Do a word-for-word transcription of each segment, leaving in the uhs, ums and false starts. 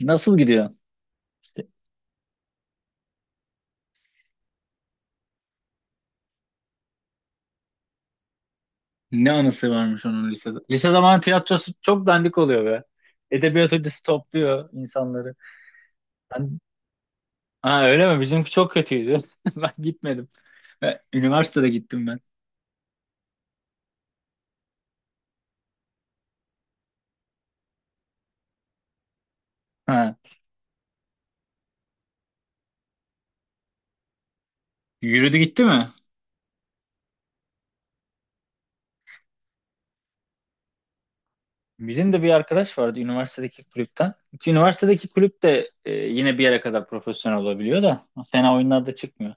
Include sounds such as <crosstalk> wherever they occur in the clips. Nasıl gidiyor? İşte ne anısı varmış onun lisede. Lise zamanı tiyatrosu çok dandik oluyor be. Edebiyat hocası topluyor insanları. Ben... Ha, öyle mi? Bizimki çok kötüydü. <laughs> Ben gitmedim. Ben- Üniversitede gittim ben. Ha. Yürüdü gitti mi? Bizim de bir arkadaş vardı üniversitedeki kulüpten. Ki üniversitedeki kulüp de e, yine bir yere kadar profesyonel olabiliyor da fena oyunlarda çıkmıyor.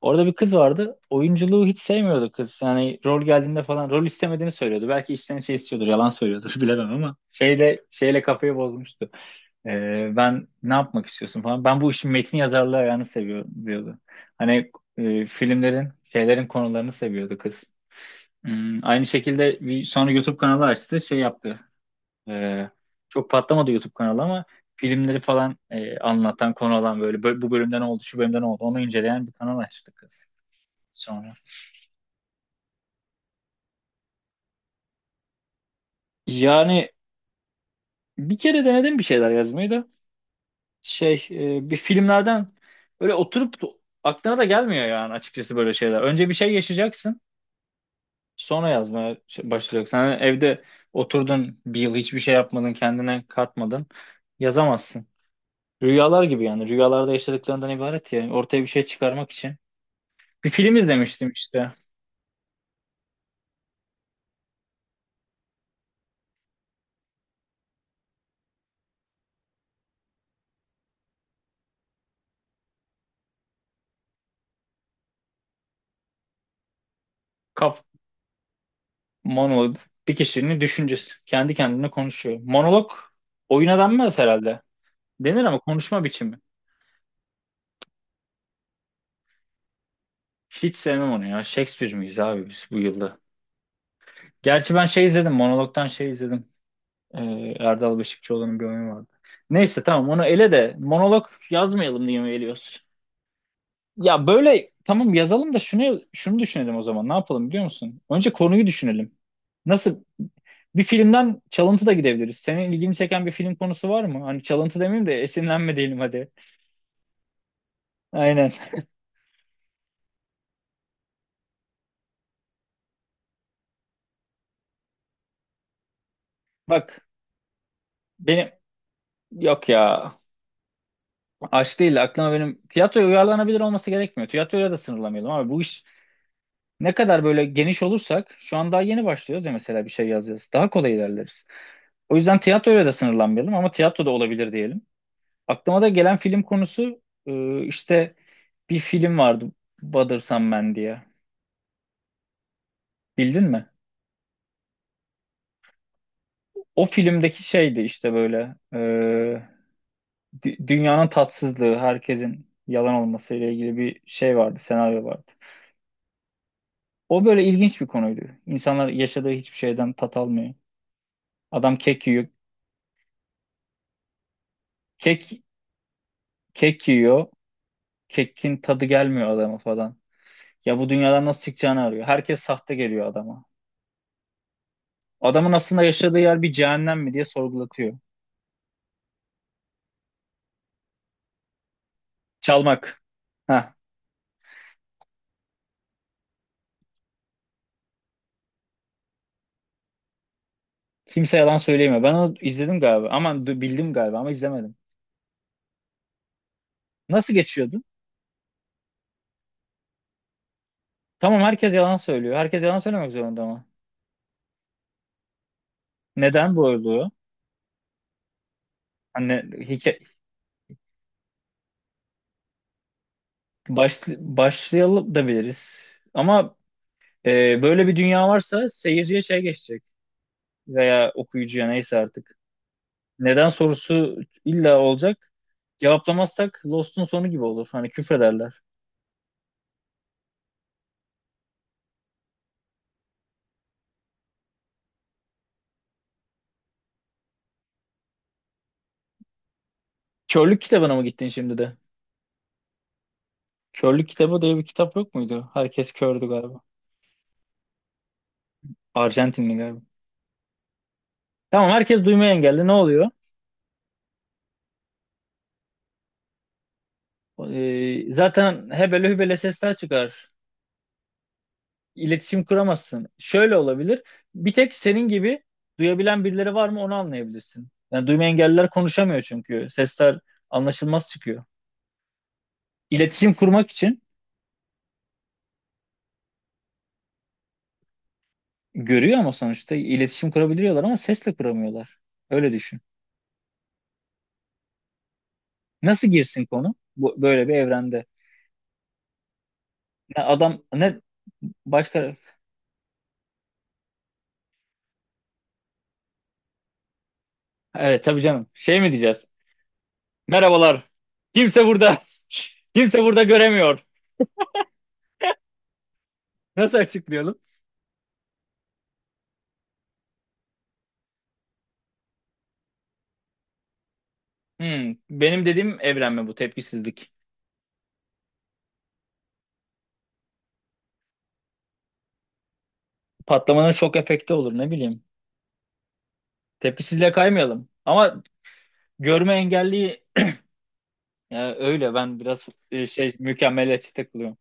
Orada bir kız vardı. Oyunculuğu hiç sevmiyordu kız. Yani rol geldiğinde falan rol istemediğini söylüyordu. Belki içten şey istiyordur, yalan söylüyordur <laughs> bilemem ama şeyle şeyle kafayı bozmuştu. E, ben ne yapmak istiyorsun falan. Ben bu işin metin yazarlığı ayağını seviyorum diyordu. Hani e, filmlerin, şeylerin konularını seviyordu kız. Hmm, aynı şekilde bir sonra YouTube kanalı açtı, şey yaptı. Ee, Çok patlamadı YouTube kanalı ama filmleri falan e, anlatan, konu alan böyle bö- bu bölümden oldu, şu bölümden oldu. Onu inceleyen bir kanal açtık kız sonra. Yani bir kere denedim bir şeyler yazmayı da. Şey e, bir filmlerden böyle oturup da- aklına da gelmiyor yani açıkçası böyle şeyler. Önce bir şey yaşayacaksın, sonra yazmaya ş- başlayacaksın. Hani evde oturdun bir yıl hiçbir şey yapmadın, kendine katmadın. Yazamazsın. Rüyalar gibi yani. Rüyalarda yaşadıklarından ibaret ya. Yani ortaya bir şey çıkarmak için bir film izlemiştim işte. Kaf Monolog bir kişinin düşüncesi. Kendi kendine konuşuyor. Monolog oyuna denmez herhalde. Denir ama konuşma biçimi. Hiç sevmem onu ya. Shakespeare miyiz abi biz bu yılda? Gerçi ben şey izledim. Monolog'dan şey izledim. Ee, Erdal Beşikçioğlu'nun bir oyunu vardı. Neyse tamam, onu ele de monolog yazmayalım diye mi eliyoruz? Ya böyle tamam yazalım da şunu şunu düşünelim o zaman. Ne yapalım biliyor musun? Önce konuyu düşünelim. Nasıl Bir filmden çalıntı da gidebiliriz. Senin ilgini çeken bir film konusu var mı? Hani çalıntı demeyeyim de esinlenme diyelim hadi. Aynen. Bak, benim yok ya, aşk değil de aklıma, benim tiyatroya uyarlanabilir olması gerekmiyor. Tiyatroya da sınırlamayalım abi, bu iş ne kadar böyle geniş olursak, şu an daha yeni başlıyoruz ya, mesela bir şey yazacağız. Daha kolay ilerleriz. O yüzden tiyatroya da sınırlanmayalım ama tiyatro da olabilir diyelim. Aklıma da gelen film konusu, e, işte bir film vardı, Bothersome Man diye. Bildin mi? O filmdeki şeydi işte böyle, e, dü- dünyanın tatsızlığı, herkesin yalan olması ile ilgili bir şey vardı, senaryo vardı. O böyle ilginç bir konuydu. İnsanlar yaşadığı hiçbir şeyden tat almıyor. Adam kek yiyor, kek kek yiyor, kekin tadı gelmiyor adama falan. Ya bu dünyadan nasıl çıkacağını arıyor. Herkes sahte geliyor adama. Adamın aslında yaşadığı yer bir cehennem mi diye sorgulatıyor. Çalmak. Ha, kimse yalan söyleyemiyor. Ben onu izledim galiba. Aman, du- bildim galiba ama izlemedim. Nasıl geçiyordu? Tamam, herkes yalan söylüyor. Herkes yalan söylemek zorunda ama. Neden bu olduğu? Hani hikaye, baş, başlayalım da biliriz. Ama e, böyle bir dünya varsa seyirciye şey geçecek. Veya okuyucuya, neyse artık. Neden sorusu illa olacak. Cevaplamazsak Lost'un sonu gibi olur. Hani küfrederler. Körlük kitabına mı gittin şimdi de? Körlük kitabı diye bir kitap yok muydu? Herkes kördü galiba. Arjantinli galiba. Tamam, herkes duymaya engelli. Ne oluyor? E, zaten hebele hübele sesler çıkar, iletişim kuramazsın. Şöyle olabilir. Bir tek senin gibi duyabilen birileri var mı, onu anlayabilirsin. Yani duyma engelliler konuşamıyor çünkü. Sesler anlaşılmaz çıkıyor. İletişim kurmak için görüyor ama sonuçta iletişim kurabiliyorlar, ama sesle kuramıyorlar. Öyle düşün. Nasıl girsin konu bu, böyle bir evrende? Ne adam ne başka Evet tabii canım. Şey mi diyeceğiz? Merhabalar. Kimse burada. <laughs> Kimse burada göremiyor. Nasıl açıklayalım? Hmm, benim dediğim evren mi bu, tepkisizlik? Patlamanın şok efekti olur, ne bileyim. Tepkisizliğe kaymayalım. Ama görme engelliği, ya öyle, ben biraz e, şey mükemmeliyetçi takılıyorum.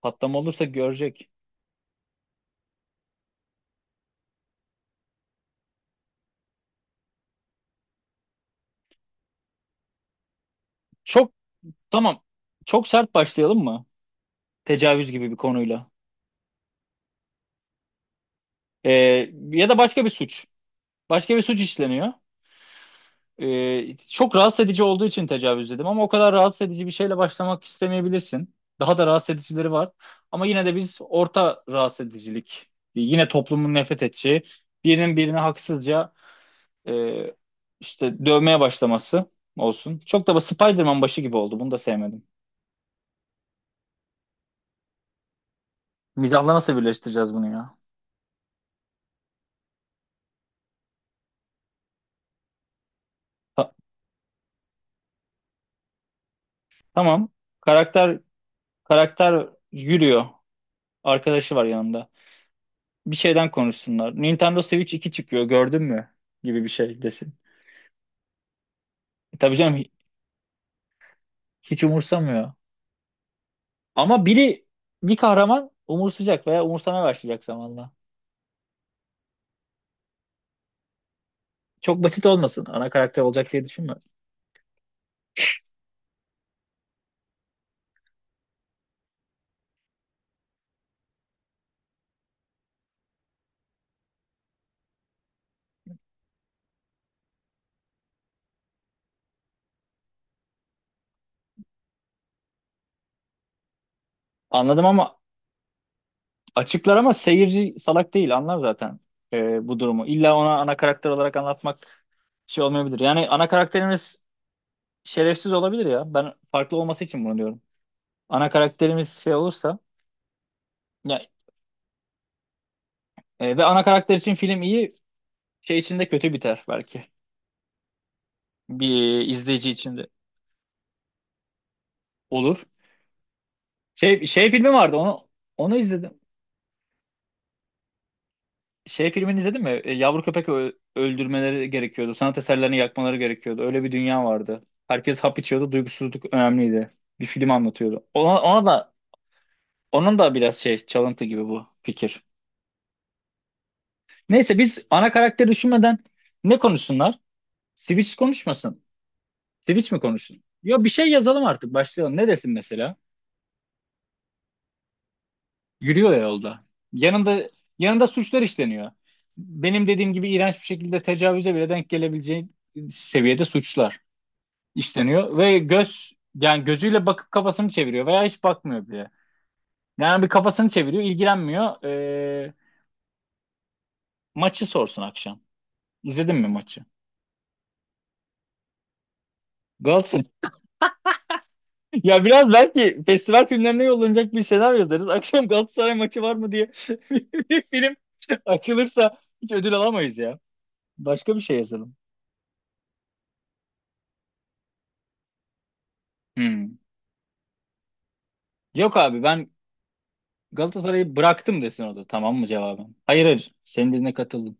Patlama olursa görecek. Çok tamam. Çok sert başlayalım mı? Tecavüz gibi bir konuyla. Ee, Ya da başka bir suç. Başka bir suç işleniyor. Ee, çok rahatsız edici olduğu için tecavüz dedim ama o kadar rahatsız edici bir şeyle başlamak istemeyebilirsin. Daha da rahatsız edicileri var. Ama yine de biz orta rahatsız edicilik, yine toplumun nefret edeceği, birinin birine haksızca e, işte dövmeye başlaması olsun. Çok da Spider-Man başı gibi oldu. Bunu da sevmedim. Mizahla nasıl birleştireceğiz bunu ya? Ta- tamam. Karakter karakter yürüyor. Arkadaşı var yanında. Bir şeyden konuşsunlar. Nintendo Switch iki çıkıyor, gördün mü? Gibi bir şey desin. E, tabii canım, hiç umursamıyor. Ama biri, bir kahraman umursayacak veya umursamaya başlayacak zamanla. Çok basit olmasın. Ana karakter olacak diye düşünme. Anladım ama açıklar, ama seyirci salak değil, anlar zaten e, bu durumu. İlla ona ana karakter olarak anlatmak şey olmayabilir. Yani ana karakterimiz şerefsiz olabilir ya. Ben farklı olması için bunu diyorum. Ana karakterimiz şey olursa ya, e, ve ana karakter için film iyi, şey için de kötü biter belki. Bir izleyici için de olur. Şey şey filmi vardı, onu onu izledim. Şey filmini izledin mi? E, Yavru köpek ö- öldürmeleri gerekiyordu. Sanat eserlerini yakmaları gerekiyordu. Öyle bir dünya vardı. Herkes hap içiyordu. Duygusuzluk önemliydi. Bir film anlatıyordu. Ona, ona da onun da biraz şey, çalıntı gibi bu fikir. Neyse, biz ana karakteri düşünmeden ne konuşsunlar? Switch konuşmasın. Switch mi konuşsun? Ya bir şey yazalım artık, başlayalım. Ne desin mesela? Yürüyor ya yolda. Yanında yanında suçlar işleniyor. Benim dediğim gibi iğrenç bir şekilde tecavüze bile denk gelebileceği seviyede suçlar işleniyor ve göz yani gözüyle bakıp kafasını çeviriyor veya hiç bakmıyor bile. Yani bir kafasını çeviriyor, ilgilenmiyor. Ee, maçı sorsun akşam. İzledin mi maçı? Galatasaray. <laughs> Ya biraz belki festival filmlerine yollanacak bir senaryo deriz. Akşam Galatasaray maçı var mı diye <laughs> bir film açılırsa hiç ödül alamayız ya. Başka bir şey yazalım. Hmm. Yok abi, ben Galatasaray'ı bıraktım desin, o da tamam mı cevabım? Hayır, hayır, senin dediğine katıldım.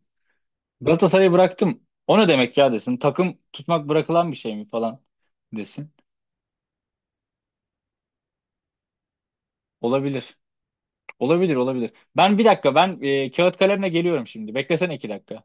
Galatasaray'ı bıraktım. O ne demek ya desin. Takım tutmak bırakılan bir şey mi falan desin. Olabilir. Olabilir, olabilir. Ben bir dakika, ben e, kağıt kalemle geliyorum şimdi. Beklesene iki dakika.